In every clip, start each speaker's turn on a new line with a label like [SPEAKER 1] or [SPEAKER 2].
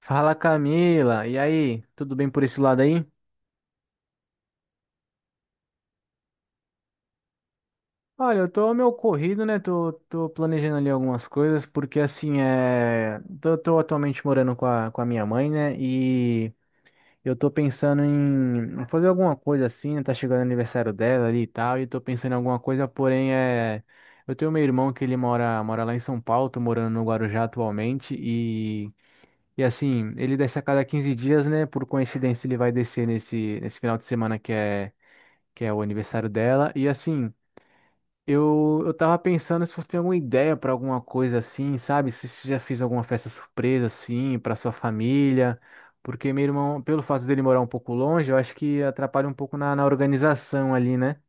[SPEAKER 1] Fala Camila, e aí? Tudo bem por esse lado aí? Olha, eu tô meio corrido, né? Tô planejando ali algumas coisas, porque assim, tô atualmente morando com a minha mãe, né? E eu tô pensando em fazer alguma coisa assim, né? Tá chegando o aniversário dela ali e tal, e tô pensando em alguma coisa, porém. Eu tenho meu irmão que ele mora lá em São Paulo. Tô morando no Guarujá atualmente. E assim, ele desce a cada 15 dias, né? Por coincidência, ele vai descer nesse final de semana que é o aniversário dela. E assim, eu tava pensando se você tem alguma ideia pra alguma coisa assim, sabe? Se você já fez alguma festa surpresa assim pra sua família. Porque meu irmão, pelo fato dele morar um pouco longe, eu acho que atrapalha um pouco na organização ali, né?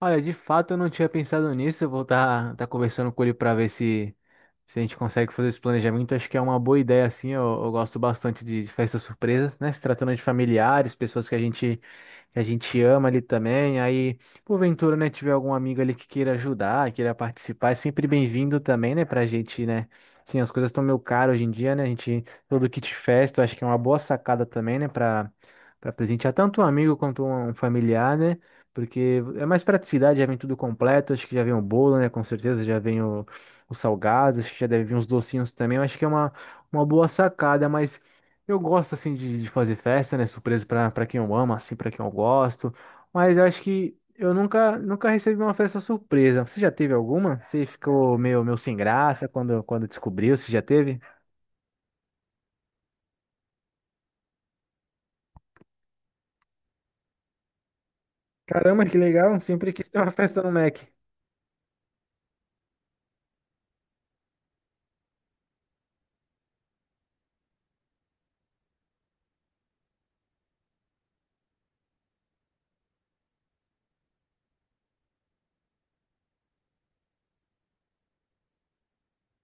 [SPEAKER 1] Olha, de fato eu não tinha pensado nisso. Eu vou estar tá conversando com ele pra ver se. Se a gente consegue fazer esse planejamento, acho que é uma boa ideia, assim. Eu gosto bastante de festas surpresas, né? Se tratando de familiares, pessoas que a gente ama ali também. Aí, porventura, né, tiver algum amigo ali que queira ajudar, queira participar, é sempre bem-vindo também, né, pra gente, né? Sim, as coisas estão meio caras hoje em dia, né? A gente, todo kit festa, eu acho que é uma boa sacada também, né, pra presentear tanto um amigo quanto um familiar, né? Porque é mais praticidade, já vem tudo completo, acho que já vem o bolo, né? Com certeza, já vem os salgados, acho que já deve vir uns docinhos também. Eu acho que é uma boa sacada, mas eu gosto assim de fazer festa, né? Surpresa para quem eu amo, assim, para quem eu gosto. Mas eu acho que eu nunca recebi uma festa surpresa. Você já teve alguma? Você ficou meio sem graça quando descobriu? Você já teve? Caramba, que legal. Sempre quis ter uma festa no Mac.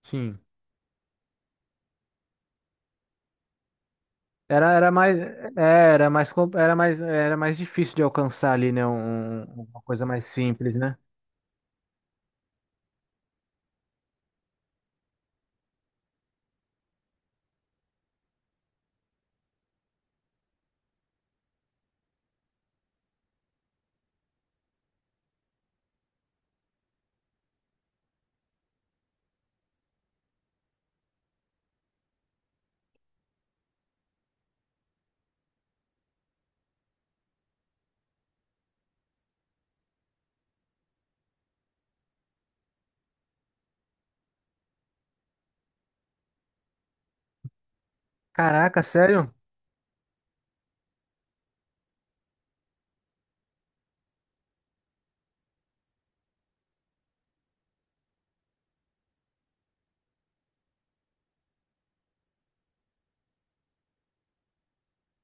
[SPEAKER 1] Sim. Era, era mais, é, era mais difícil de alcançar ali, né? Uma coisa mais simples, né? Caraca, sério?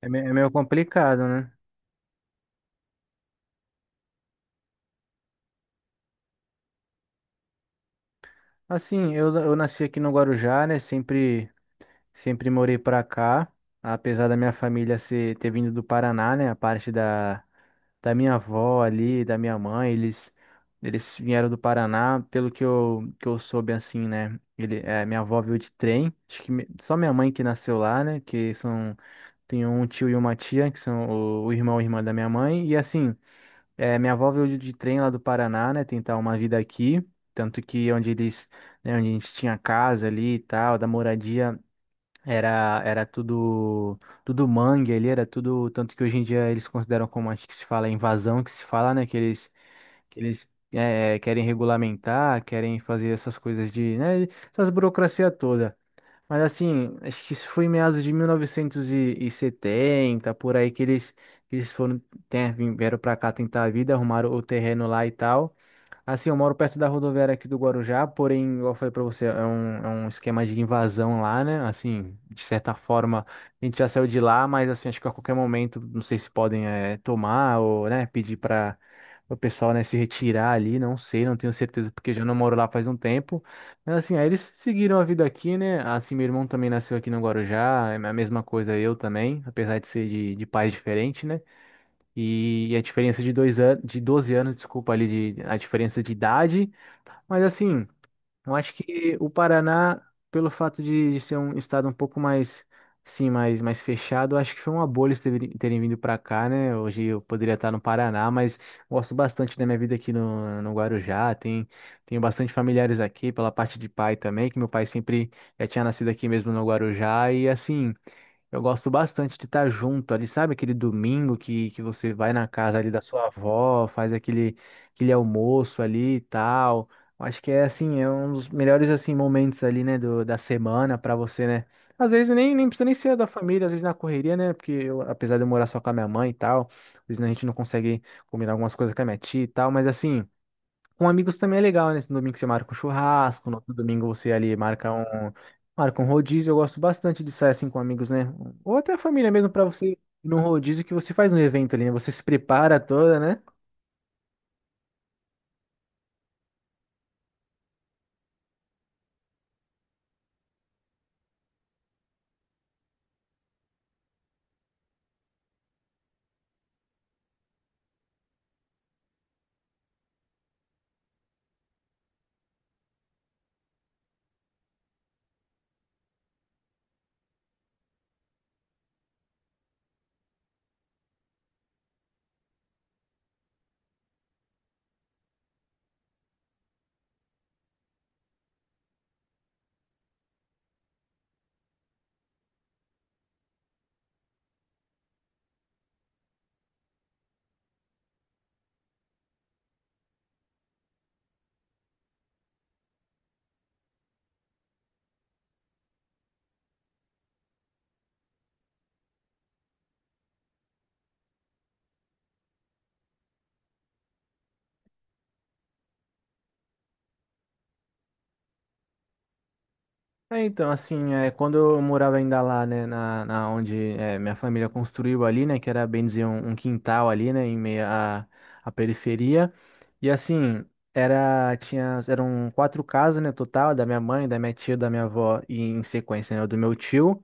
[SPEAKER 1] É meio complicado, né? Assim, eu nasci aqui no Guarujá, né? Sempre morei pra cá, apesar da minha família ter vindo do Paraná, né? A parte da minha avó ali, da minha mãe, eles vieram do Paraná, pelo que eu soube, assim, né? Minha avó veio de trem, acho que só minha mãe que nasceu lá, né? Tem um tio e uma tia, que são o irmão e irmã da minha mãe, e assim. É, minha avó veio de trem lá do Paraná, né, tentar uma vida aqui, tanto que onde eles, né, onde a gente tinha casa ali e tal, da moradia, era tudo mangue ali, era tudo, tanto que hoje em dia eles consideram como acho que se fala invasão, que se fala, né, que eles querem regulamentar, querem fazer essas coisas de, né, essas burocracia toda. Mas assim, acho que isso foi em meados de 1970, por aí que eles vieram pra cá tentar a vida, arrumaram o terreno lá e tal. Assim, eu moro perto da rodoviária aqui do Guarujá, porém, igual eu falei pra você, é um esquema de invasão lá, né? Assim, de certa forma, a gente já saiu de lá, mas assim, acho que a qualquer momento, não sei se podem tomar ou, né, pedir para o pessoal, né, se retirar ali, não sei, não tenho certeza, porque já não moro lá faz um tempo. Mas assim, aí eles seguiram a vida aqui, né? Assim, meu irmão também nasceu aqui no Guarujá, é a mesma coisa eu também, apesar de ser de pais diferentes, né? E a diferença de dois anos, de 12 anos, desculpa, ali, a diferença de idade. Mas assim, eu acho que o Paraná, pelo fato de ser um estado um pouco mais, sim, mais fechado, eu acho que foi uma bolha eles terem vindo para cá, né? Hoje eu poderia estar no Paraná, mas gosto bastante da minha vida aqui no Guarujá. Tenho bastante familiares aqui, pela parte de pai também, que meu pai sempre já tinha nascido aqui mesmo no Guarujá. E assim. Eu gosto bastante de estar junto ali, sabe? Aquele domingo que você vai na casa ali da sua avó, faz aquele almoço ali e tal. Eu acho que é assim, é um dos melhores assim momentos ali, né, da semana para você, né? Às vezes nem precisa nem ser da família, às vezes na correria, né? Porque eu, apesar de eu morar só com a minha mãe e tal, às vezes a gente não consegue combinar algumas coisas com a minha tia e tal, mas assim. Com amigos também é legal, né? Esse domingo você marca um churrasco, no outro domingo você ali marca um rodízio. Eu gosto bastante de sair assim com amigos, né? Ou até a família mesmo pra você ir num rodízio que você faz um evento ali, né? Você se prepara toda, né? É, então, assim, é, quando eu morava ainda lá, né, minha família construiu ali, né, que era bem dizer um quintal ali, né, em meio à periferia. E assim, eram quatro casas, né, total, da minha mãe, da minha tia, da minha avó e em sequência, né, do meu tio.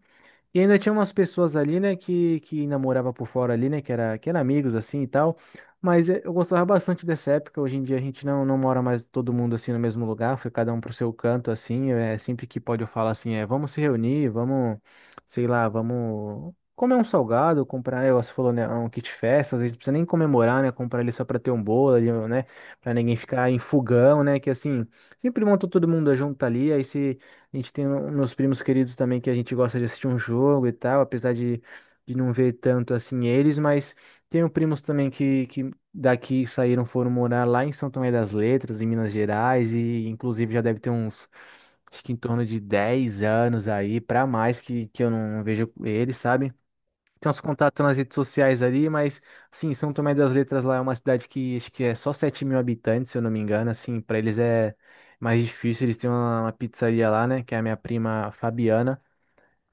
[SPEAKER 1] E ainda tinha umas pessoas ali, né, que namorava por fora ali, né, que era amigos assim e tal. Mas eu gostava bastante dessa época. Hoje em dia a gente não mora mais todo mundo assim no mesmo lugar, foi cada um pro seu canto assim. É sempre que pode eu falo assim, é, vamos se reunir, vamos, sei lá, vamos comer um salgado, comprar, você falou, né, um kit festa, às vezes não precisa nem comemorar, né, comprar ele só pra ter um bolo ali, né, pra ninguém ficar em fogão, né, que assim, sempre monta todo mundo junto ali, aí se a gente tem meus primos queridos também que a gente gosta de assistir um jogo e tal, apesar de não ver tanto assim eles, mas tenho primos também que daqui saíram, foram morar lá em São Tomé das Letras, em Minas Gerais, e inclusive já deve ter uns, acho que em torno de 10 anos aí, pra mais que eu não vejo eles, sabe? Tem uns contatos nas redes sociais ali, mas, assim, São Tomé das Letras lá é uma cidade que acho que é só 7 mil habitantes, se eu não me engano, assim, para eles é mais difícil, eles têm uma pizzaria lá, né, que é a minha prima Fabiana,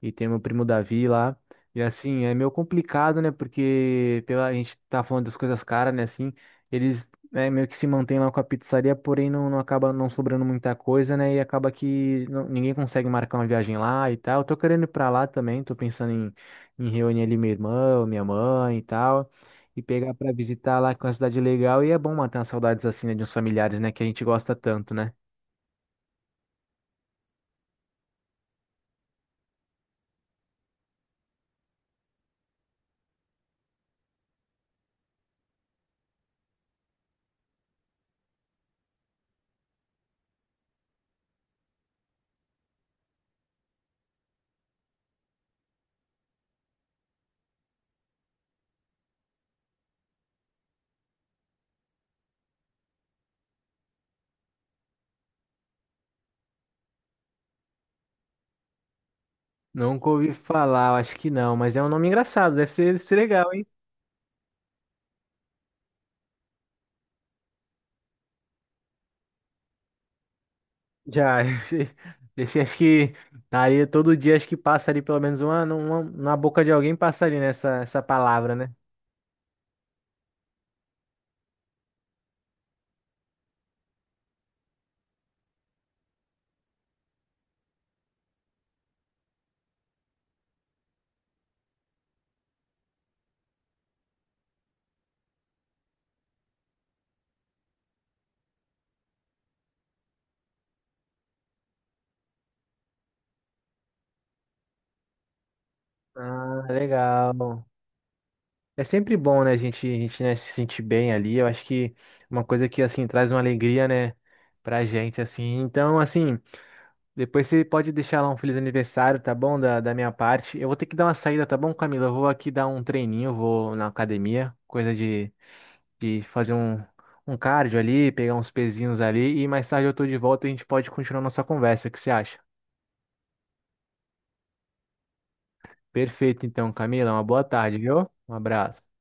[SPEAKER 1] e tem meu primo Davi lá. E assim, é meio complicado, né? Porque a gente tá falando das coisas caras, né? Assim, eles né, meio que se mantêm lá com a pizzaria, porém não acaba não sobrando muita coisa, né? E acaba que ninguém consegue marcar uma viagem lá e tal. Eu tô querendo ir pra lá também, tô pensando em reunir ali meu irmão, minha mãe e tal. E pegar pra visitar lá, que é uma cidade legal. E é bom matar as saudades assim, né, de uns familiares, né? Que a gente gosta tanto, né? Nunca ouvi falar, eu acho que não, mas é um nome engraçado, deve ser legal, hein? Já, esse acho que tá ali todo dia, acho que passa ali pelo menos uma na boca de alguém passa ali nessa essa palavra, né? Ah, legal. É sempre bom, né, a gente, né, se sentir bem ali. Eu acho que uma coisa que, assim, traz uma alegria, né, pra gente, assim. Então, assim, depois você pode deixar lá um feliz aniversário, tá bom? Da minha parte. Eu vou ter que dar uma saída, tá bom, Camila? Eu vou aqui dar um treininho, eu vou na academia, coisa de fazer um cardio ali, pegar uns pezinhos ali e mais tarde eu tô de volta e a gente pode continuar nossa conversa. O que você acha? Perfeito, então, Camila. Uma boa tarde, viu? Um abraço.